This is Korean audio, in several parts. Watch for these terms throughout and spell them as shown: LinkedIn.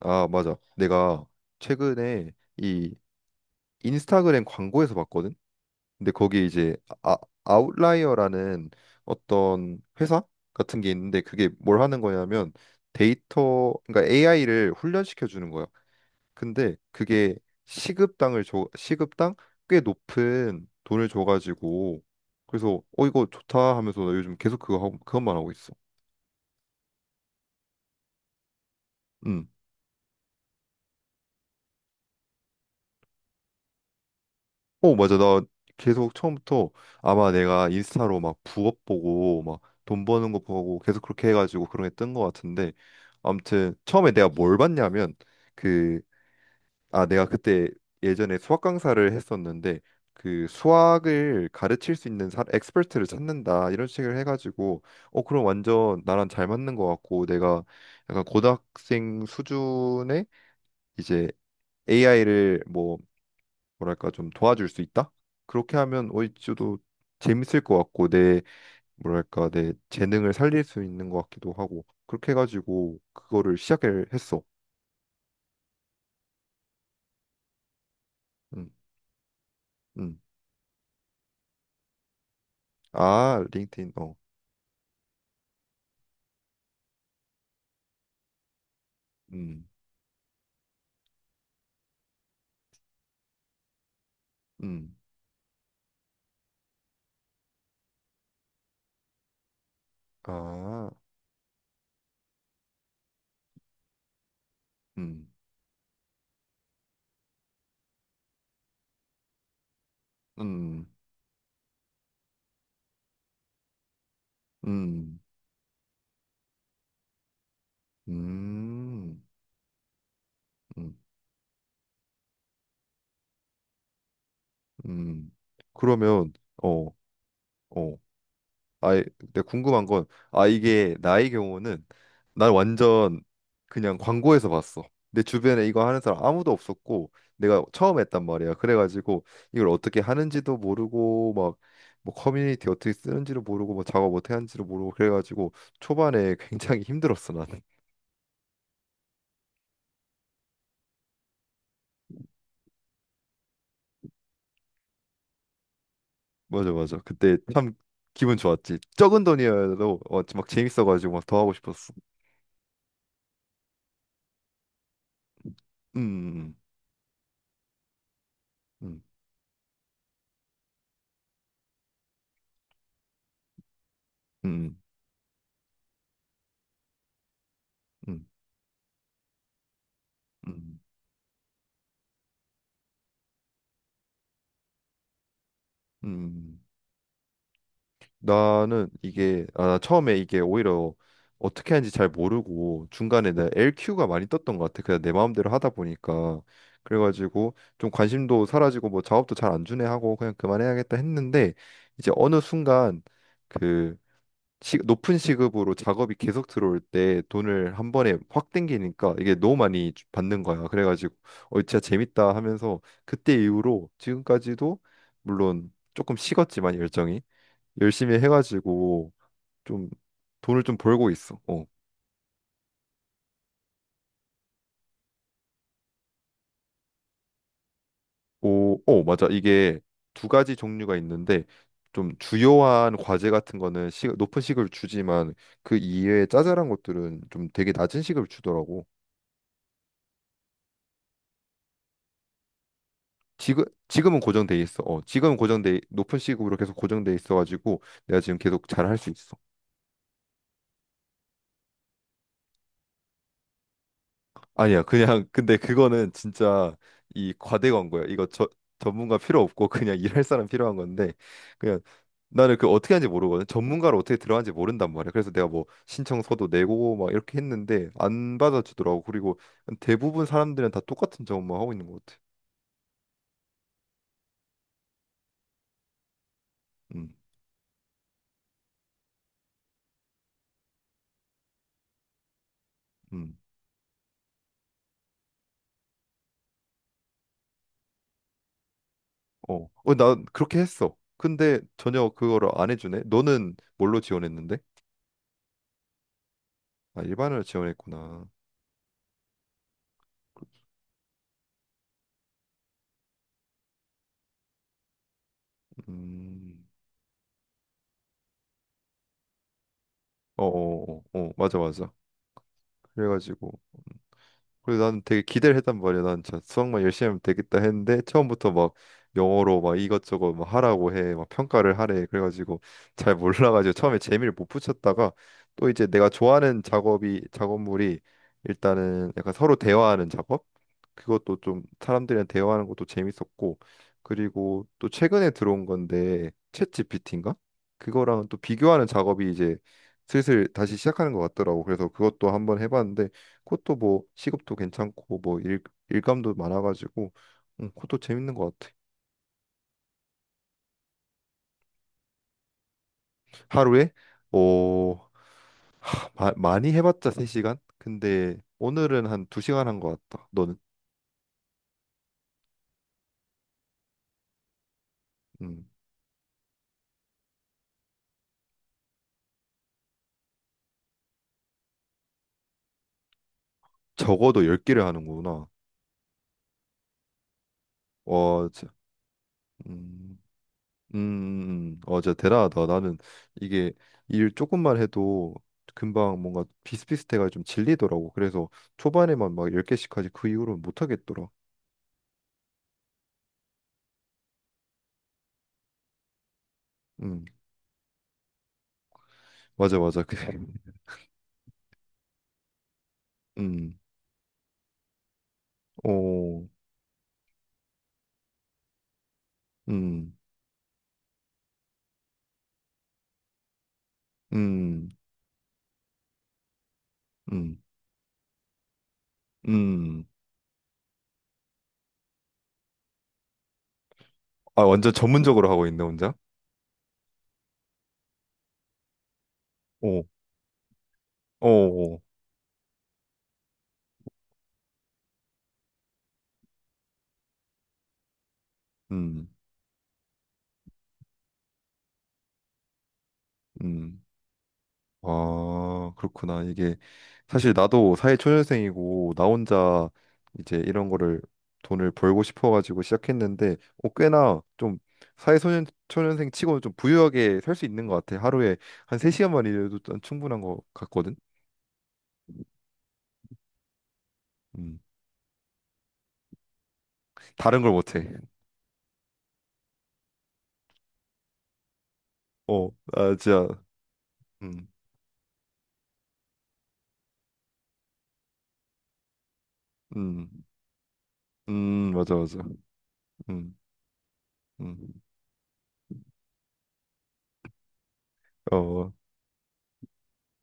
아, 맞아. 내가 최근에 이 인스타그램 광고에서 봤거든. 근데 거기 이제 아, 아웃라이어라는 어떤 회사 같은 게 있는데 그게 뭘 하는 거냐면 데이터, 그러니까 AI를 훈련시켜 주는 거야. 근데 그게 시급당을 줘, 시급당 꽤 높은 돈을 줘가지고 그래서 이거 좋다 하면서 나 요즘 계속 그것만 하고 있어. 음. 어, 맞아. 나 계속 처음부터 아마 내가 인스타로 막 부업 보고 막 돈 버는 거 보고 계속 그렇게 해가지고 그런 게 뜬 거 같은데 아무튼 처음에 내가 뭘 봤냐면 그 아 내가 그때 예전에 수학 강사를 했었는데 그 수학을 가르칠 수 있는 엑스퍼트를 찾는다 이런 식을 해가지고 그럼 완전 나랑 잘 맞는 거 같고 내가 약간 고등학생 수준의 이제 AI를 뭐 뭐랄까 좀 도와줄 수 있다? 그렇게 하면 오이치도 재밌을 것 같고 내 뭐랄까 내 재능을 살릴 수 있는 것 같기도 하고 그렇게 해가지고 그거를 시작을 했어. 음, 음. 아, 링크드인 어. 음, 음. 아, 음, 음, 음, 음, 음, 음. 그러면 어, 어. 아, 근데 궁금한 건, 아, 이게 나의 경우는 난 완전 그냥 광고에서 봤어. 내 주변에 이거 하는 사람 아무도 없었고, 내가 처음 했단 말이야. 그래가지고 이걸 어떻게 하는지도 모르고, 막 뭐 커뮤니티 어떻게 쓰는지도 모르고, 뭐 작업 어떻게 하는지도 모르고, 그래가지고 초반에 굉장히 힘들었어, 나는. 맞아, 맞아. 그때 참 기분 좋았지. 적은 돈이어도 막 재밌어가지고 막 더 하고 싶었어. 음, 음, 음, 음, 음, 음, 음. 나는 이게 아, 처음에 이게 오히려 어떻게 하는지 잘 모르고 중간에 내 LQ가 많이 떴던 것 같아. 그냥 내 마음대로 하다 보니까 그래가지고 좀 관심도 사라지고 뭐 작업도 잘 안 주네 하고 그냥 그만해야겠다 했는데 이제 어느 순간 그 높은 시급으로 작업이 계속 들어올 때 돈을 한 번에 확 땡기니까 이게 너무 많이 받는 거야. 그래가지고 진짜 재밌다 하면서 그때 이후로 지금까지도 물론 조금 식었지만 열정이 열심히 해가지고 좀 돈을 좀 벌고 있어. 어. 오, 어, 맞아. 이게 두 가지 종류가 있는데 좀 주요한 과제 같은 거는 높은 시급을 주지만 그 이외에 짜잘한 것들은 좀 되게 낮은 시급을 주더라고. 지금은 고정돼 있어. 어, 지금은 고정돼 높은 시급으로 계속 고정돼 있어가지고 내가 지금 계속 잘할 수 있어. 아니야, 그냥 근데 그거는 진짜 이 과대 광고야. 이거 저 전문가 필요 없고 그냥 일할 사람 필요한 건데 그냥 나는 그 어떻게 하는지 모르거든. 전문가를 어떻게 들어가는지 모른단 말이야. 그래서 내가 뭐 신청서도 내고 막 이렇게 했는데 안 받아주더라고. 그리고 대부분 사람들은 다 똑같은 작업만 하고 있는 것 같아. 음, 음, 어, 어, 나 그렇게 했어. 근데 전혀 그거를 안 해주네. 너는 뭘로 지원했는데? 아, 일반을 지원했구나. 음, 어, 어, 어, 어, 맞아, 맞아. 그래가지고. 그래서 나는 되게 기대를 했단 말이야. 난 진짜 수학만 열심히 하면 되겠다 했는데 처음부터 막 영어로 막 이것저것 막 하라고 해. 막 평가를 하래. 그래가지고 잘 몰라가지고 처음에 재미를 못 붙였다가 또 이제 내가 좋아하는 작업이 작업물이 일단은 약간 서로 대화하는 작업? 그것도 좀 사람들이랑 대화하는 것도 재밌었고 그리고 또 최근에 들어온 건데 챗 GPT인가? 그거랑 또 비교하는 작업이 이제 슬슬 다시 시작하는 것 같더라고. 그래서 그것도 한번 해봤는데 그것도 뭐 시급도 괜찮고 뭐 일감도 많아가지고 그것도 재밌는 것 같아. 하루에 어 많이 해봤자 3시간? 근데 오늘은 한 2시간 한 것 같다. 너는 음, 적어도 10개를 하는구나. 어, 음, 어, 진짜 대단하다. 나는 이게 일 조금만 해도 금방 뭔가 비슷비슷해가 좀 질리더라고. 그래서 초반에만 막 10개씩까지 그 이후로는 못 하겠더라. 음, 맞아, 맞아. 그, 음. 오, 음, 음, 음, 음. 아, 완전 전문적으로 하고 있네, 혼자? 오, 오, 오, 음, 음. 아, 그렇구나. 이게 사실 나도 사회초년생이고 나 혼자 이제 이런 거를 돈을 벌고 싶어가지고 시작했는데 어, 꽤나 좀 사회초년생 치고는 좀 부유하게 살 수 있는 것 같아. 하루에 한 3시간만 일해도 난 충분한 것 같거든. 음, 다른 걸 못해. 어, 아, 진짜. 음, 음. 맞아, 맞아. 음, 음, 어,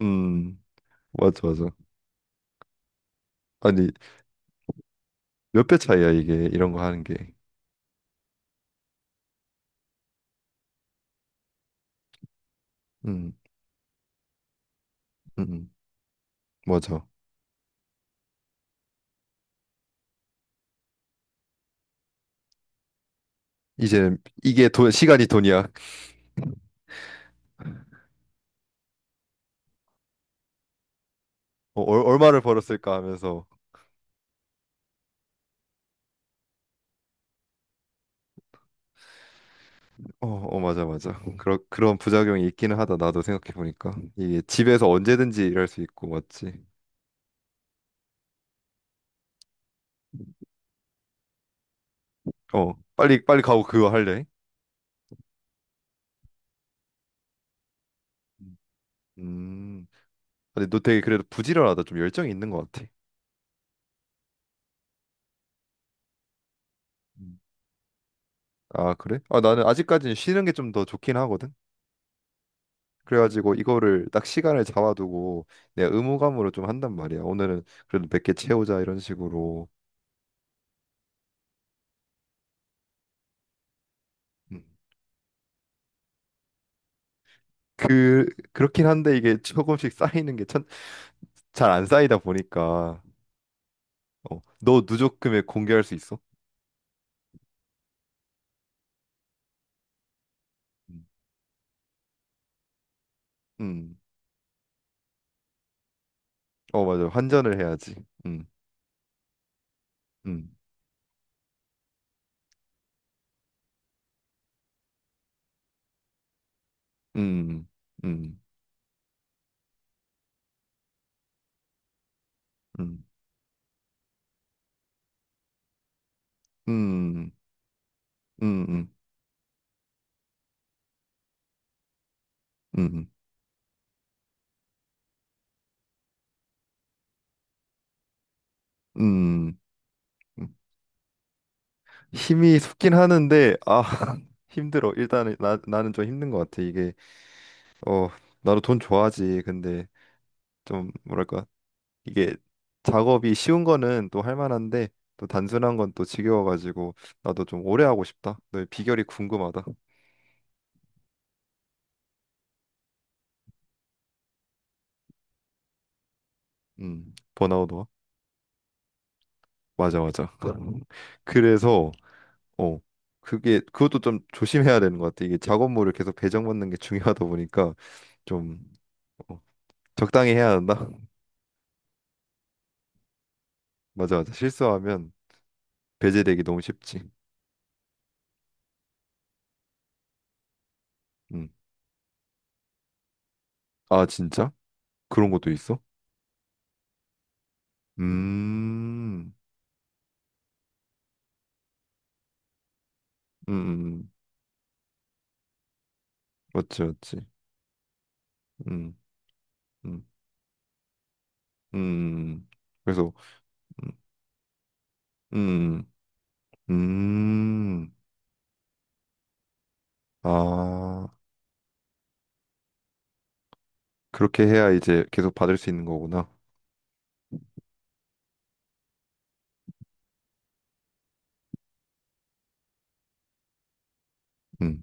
음, 맞아, 맞아. 아니, 몇 배 차이야, 이게, 이런 거 하는 게. 음, 음, 음. 맞아. 이제, 이게 돈, 시간이 돈이야. 어, 얼마를 벌었을까 하면서. 어, 어, 맞아, 맞아. 그런 부작용이 있기는 하다, 나도 생각해보니까. 이게 집에서 언제든지 일할 수 있고, 맞지? 어, 빨리, 빨리 가고 그거 할래? 음, 근데 너 되게 그래도 부지런하다. 좀 열정이 있는 것 같아. 음. 아, 그래? 아, 나는 아직까지는 쉬는 게 좀 더 좋긴 하거든. 그래가지고 이거를 딱 시간을 잡아두고 내가 의무감으로 좀 한단 말이야. 오늘은 그래도 몇 개 채우자 이런 식으로. 음. 그 그렇긴 한데 이게 조금씩 쌓이는 게 잘 안 쌓이다 보니까 어, 너 누적 금액 공개할 수 있어? 음. 음. 어 맞아. 환전을 해야지. 음. 음. 음. 음. 음. 음. 음. 음. 음. 음. 음. 힘이 솟긴 하는데 아 힘들어. 일단은 나 나는 좀 힘든 것 같아. 이게 어, 나도 돈 좋아하지. 근데 좀 뭐랄까 이게 작업이 쉬운 거는 또 할 만한데 또 단순한 건 또 지겨워가지고 나도 좀 오래 하고 싶다. 너의 비결이 궁금하다. 번아웃 와? 맞아, 맞아. 그래서 어, 그게 그것도 좀 조심해야 되는 것 같아. 이게 작업물을 계속 배정받는 게 중요하다 보니까 좀 어, 적당히 해야 한다. 맞아, 맞아. 실수하면 배제되기 너무 쉽지. 음. 아, 진짜? 그런 것도 있어? 음. 음, 음, 음. 맞지, 맞지. 음, 음, 음. 그래서, 음, 음, 음. 아, 그렇게 해야 이제 계속 받을 수 있는 거구나. 음.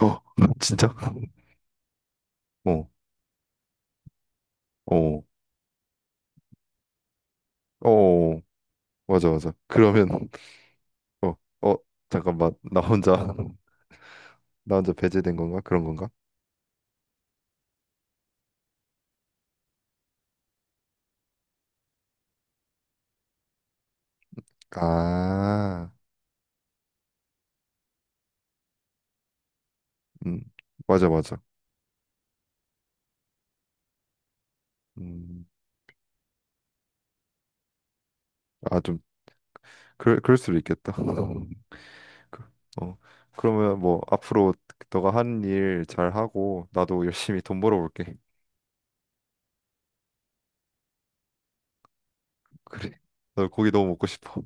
어, 진짜? 어, 어, 어, 맞아, 맞아. 그러면, 어, 어, 잠깐만. 나 혼자, 나 혼자 배제된 건가? 그런 건가? 아, 음, 맞아, 맞아. 음, 아, 좀, 그럴 수도 있겠다. 그- 어, 그러면 뭐 앞으로 너가 하는 일 잘하고 나도 열심히 돈 벌어볼게. 그래. 나 고기 너무 먹고 싶어.